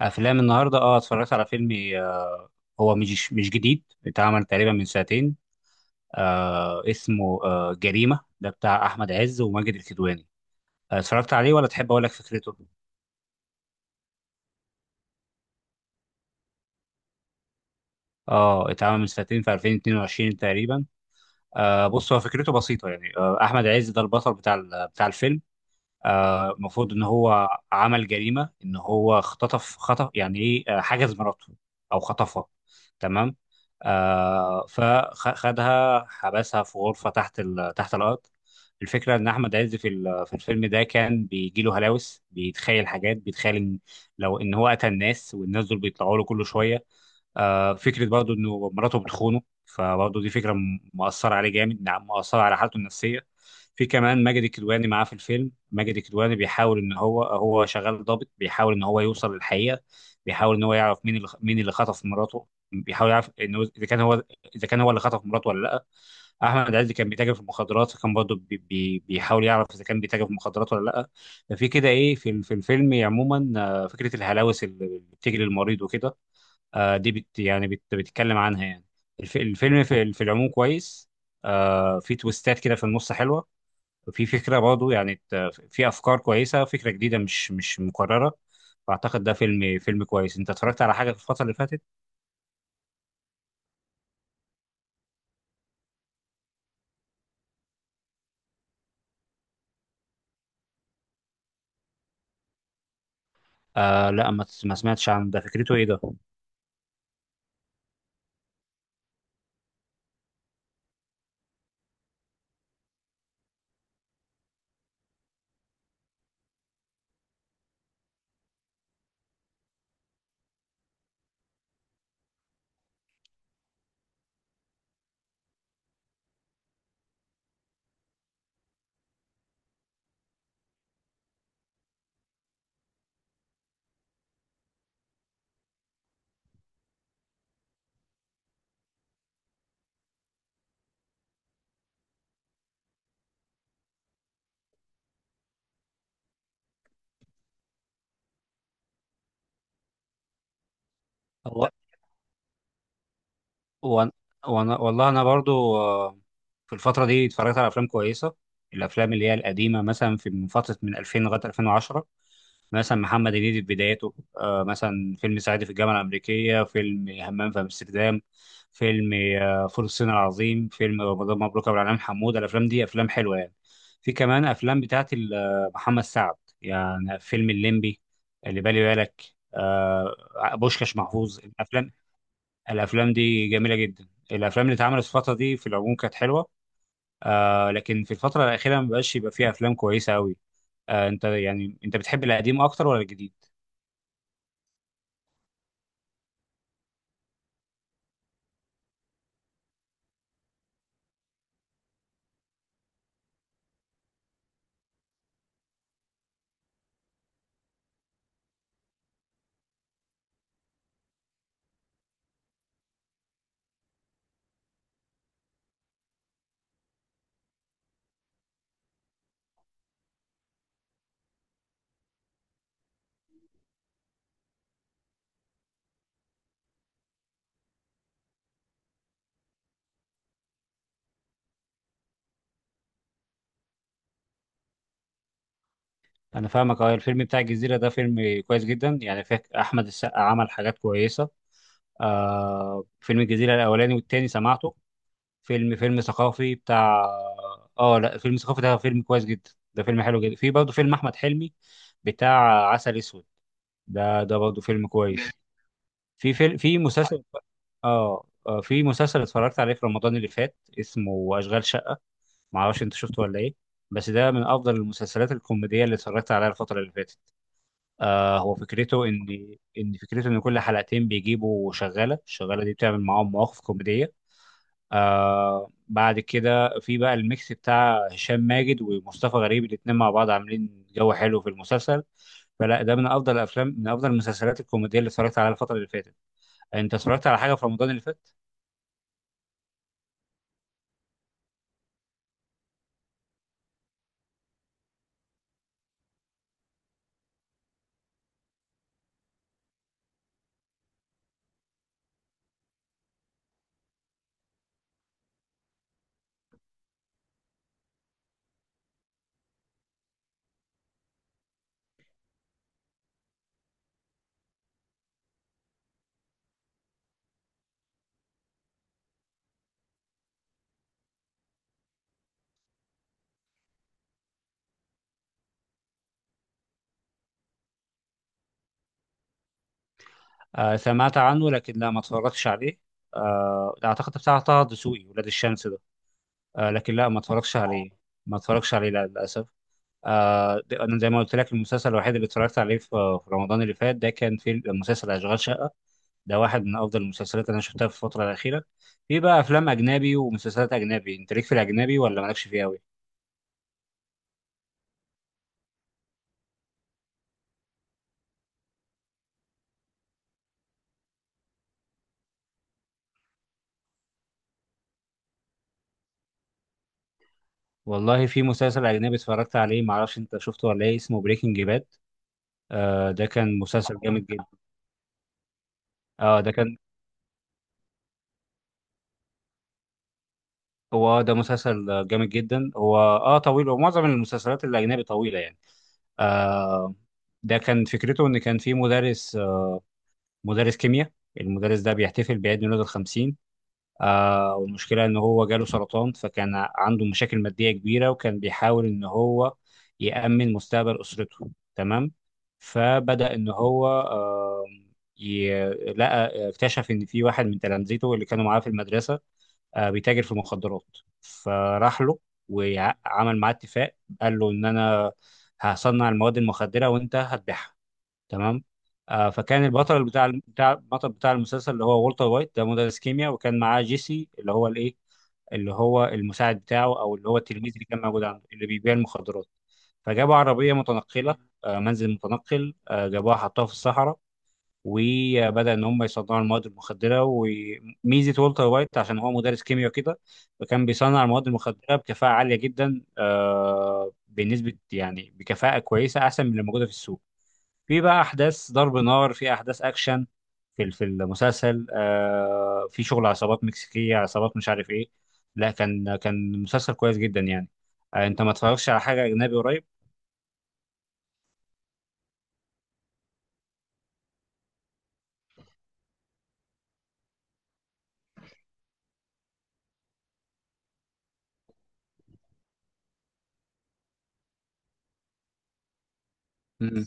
افلام النهارده، اتفرجت على فيلم. آه، هو مش جديد، اتعمل تقريبا من سنتين. اسمه جريمه، ده بتاع احمد عز وماجد الكدواني. اتفرجت عليه ولا تحب اقول لك فكرته؟ اه اتعمل من سنتين، في 2022 تقريبا. بص، هو فكرته بسيطه يعني، احمد عز ده البطل بتاع بتاع الفيلم. المفروض ان هو عمل جريمه، ان هو اختطف، خطف يعني ايه، حجز مراته او خطفها. تمام. فخدها، حبسها في غرفه تحت تحت الارض. الفكره ان احمد عز في في الفيلم ده كان بيجي له هلاوس، بيتخيل حاجات، بيتخيل ان لو ان هو قتل الناس، والناس دول بيطلعوا له كل شويه. فكره برضه انه مراته بتخونه، فبرضه دي فكره مأثره عليه جامد، نعم، مأثره على حالته النفسيه. في كمان ماجد الكدواني معاه في الفيلم. ماجد الكدواني بيحاول ان هو شغال ضابط، بيحاول ان هو يوصل للحقيقه. بيحاول ان هو يعرف مين اللي خطف مراته، بيحاول يعرف انه اذا كان هو، اذا كان هو اللي خطف مراته ولا لا. احمد عز كان بيتاجر في المخدرات، فكان برضه بي بي بيحاول يعرف اذا كان بيتاجر في المخدرات ولا لا. ففي كده ايه في في الفيلم عموما. فكره الهلاوس اللي بتجري المريض وكده، دي بت يعني بت بتتكلم عنها يعني. الفيلم في العموم كويس. في تويستات كده في النص حلوة. في فكرة برضه يعني في أفكار كويسة، فكرة جديدة مش مكررة. فأعتقد ده فيلم كويس. أنت اتفرجت على حاجة في الفترة اللي فاتت؟ لا، ما سمعتش عن ده، فكرته إيه ده؟ هو وأنا والله أنا برضو، في الفترة دي اتفرجت على أفلام كويسة. الأفلام اللي هي القديمة مثلا، في من فترة من 2000 لغاية 2010. مثلا محمد هنيدي في بداياته، مثلا فيلم صعيدي في الجامعة الأمريكية، فيلم همام في أمستردام، فيلم فول الصين العظيم، فيلم رمضان مبروك أبو العلام حمودة. الأفلام دي أفلام حلوة يعني. في كمان أفلام بتاعت محمد سعد، يعني فيلم الليمبي، اللي بالي بالك. آه، بوشكاش، محفوظ. الأفلام دي جميلة جدا، الأفلام اللي اتعملت في الفترة دي في العموم كانت حلوة. لكن في الفترة الأخيرة ما بقاش يبقى فيها أفلام كويسة أوي. أنت بتحب القديم أكتر ولا الجديد؟ انا فاهمك. اه الفيلم بتاع الجزيره ده فيلم كويس جدا يعني، فيه احمد السقا عمل حاجات كويسه. فيلم الجزيره الاولاني والتاني سمعته. فيلم ثقافي بتاع. اه لا، فيلم ثقافي ده فيلم كويس جدا، ده فيلم حلو جدا. في برضه فيلم احمد حلمي بتاع عسل اسود، ده برضه فيلم كويس. في مسلسل، اه في مسلسل اتفرجت عليه في رمضان اللي فات اسمه اشغال شقه. معرفش انت شفته ولا ايه، بس ده من افضل المسلسلات الكوميديه اللي اتفرجت عليها الفتره اللي فاتت. هو فكرته ان، فكرته ان كل حلقتين بيجيبوا شغاله، الشغاله دي بتعمل معاهم مواقف كوميديه. بعد كده في بقى الميكس بتاع هشام ماجد ومصطفى غريب، الاتنين مع بعض عاملين جو حلو في المسلسل. فلا ده من افضل من افضل المسلسلات الكوميديه اللي اتفرجت عليها الفتره اللي فاتت. انت اتفرجت على حاجه في رمضان اللي فات؟ سمعت عنه، لكن لا، ما اتفرجتش عليه. اعتقد بتاع طه دسوقي، ولاد الشمس ده. لكن لا، ما اتفرجتش عليه. ما اتفرجش عليه، لا، للاسف. انا زي ما قلت لك، المسلسل الوحيد اللي اتفرجت عليه في رمضان اللي فات، ده كان في مسلسل اشغال شقه. ده واحد من افضل المسلسلات اللي انا شفتها في الفتره الاخيره. في بقى افلام اجنبي ومسلسلات اجنبي، انت ليك في الاجنبي ولا مالكش فيه قوي؟ والله، في مسلسل اجنبي اتفرجت عليه، ما اعرفش انت شفته ولا ايه، اسمه بريكنج باد. ده كان مسلسل جامد جدا. اه ده كان هو ده مسلسل جامد جدا، هو طويل، ومعظم المسلسلات الاجنبي طويله يعني. آه ده كان فكرته ان كان في مدرس، مدرس كيمياء. المدرس ده بيحتفل بعيد ميلاده الخمسين. والمشكلة إن هو جاله سرطان، فكان عنده مشاكل مادية كبيرة، وكان بيحاول إن هو يأمن مستقبل أسرته. تمام. فبدأ إن هو ي- لقى اكتشف إن في واحد من تلامذته اللي كانوا معاه في المدرسة بيتاجر في مخدرات، فراح له وعمل معاه اتفاق. قال له إن أنا هصنع المواد المخدرة وأنت هتبيعها. تمام. فكان البطل بتاع المسلسل اللي هو والتر وايت، ده مدرس كيمياء، وكان معاه جيسي، اللي هو المساعد بتاعه، او اللي هو التلميذ اللي كان موجود عنده، اللي بيبيع المخدرات. فجابوا عربيه متنقله، منزل متنقل، جابوها حطوها في الصحراء، وبدأ إن هم يصنعوا المواد المخدرة. وميزة والتر وايت عشان هو مدرس كيمياء كده، فكان بيصنع المواد المخدرة بكفاءة عالية جدا، بنسبة يعني بكفاءة كويسة أحسن من اللي موجودة في السوق. في بقى أحداث ضرب نار، في أحداث أكشن في المسلسل، في شغل عصابات مكسيكية، عصابات مش عارف إيه. لا، كان مسلسل كويس جدا يعني. أنت ما اتفرجتش على حاجة أجنبي قريب؟ مم.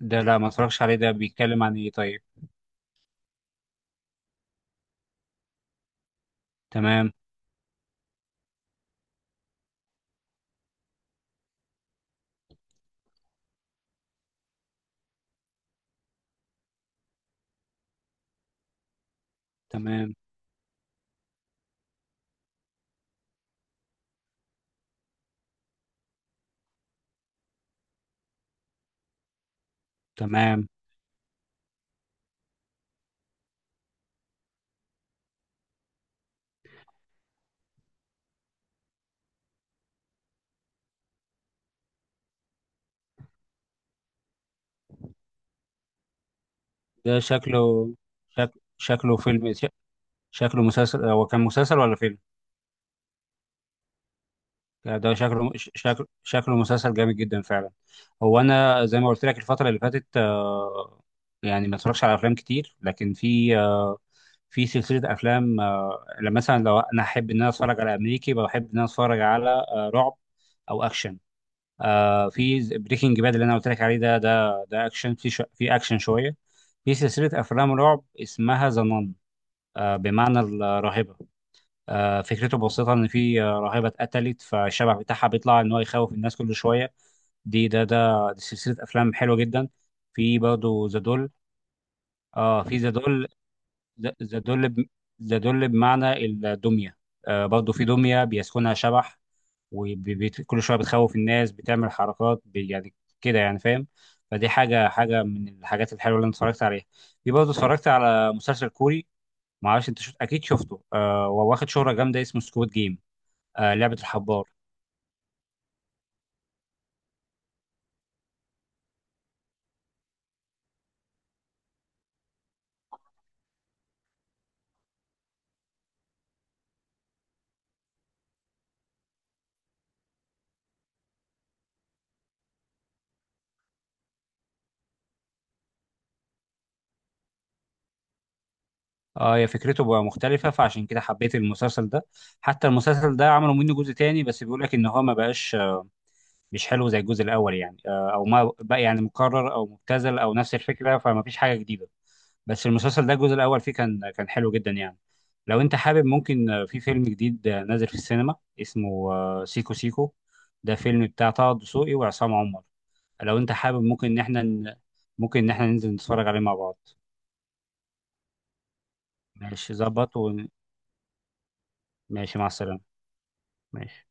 ده، لا، ما اتفرجش عليه، ده بيتكلم عن إيه طيب؟ تمام. تمام. تمام. ده شكله شك... شكله فيلم شكله مسلسل، هو كان مسلسل ولا فيلم؟ ده شكله مسلسل جامد جدا فعلا. انا زي ما قلت لك الفترة اللي فاتت، يعني ما اتفرجش على افلام كتير، لكن في، في سلسلة افلام، لما مثلا لو انا احب ان انا اتفرج على امريكي، بحب ان انا اتفرج على رعب او اكشن. في بريكنج باد اللي انا قلت لك عليه ده، اكشن، في اكشن شوية. في سلسلة افلام رعب اسمها ذا نان، بمعنى الراهبة. فكرته بسيطة إن في راهبة اتقتلت، فالشبح بتاعها بيطلع إن هو يخوف الناس كل شوية. دي ده ده دي سلسلة أفلام حلوة جدا. في برضه ذا دول. في ذا دول. ذا دول ب- ذا دول بمعنى الدمية. برضه في دمية بيسكنها شبح، وكل شوية بتخوف الناس، بتعمل حركات، يعني كده، يعني فاهم. فدي حاجة من الحاجات الحلوة اللي أنا اتفرجت عليها. في برضه اتفرجت على مسلسل كوري، ما اعرفش انت شفت، اكيد شفته، وواخد شهرة جامدة، اسمه سكواد جيم، لعبة الحبار. اه هي فكرته بقى مختلفة، فعشان كده حبيت المسلسل ده. حتى المسلسل ده عملوا منه جزء تاني، بس بيقول لك ان هو ما بقاش، مش حلو زي الجزء الاول يعني، او ما بقى يعني مكرر او مبتذل او نفس الفكرة، فما فيش حاجة جديدة. بس المسلسل ده الجزء الاول فيه كان حلو جدا يعني. لو انت حابب ممكن، في فيلم جديد نازل في السينما، اسمه سيكو سيكو. ده فيلم بتاع طه دسوقي وعصام عمر. لو انت حابب ممكن ان احنا. ممكن ان احنا ننزل نتفرج عليه مع بعض. ماشي، ظبط وماشي. مع السلامة. ماشي.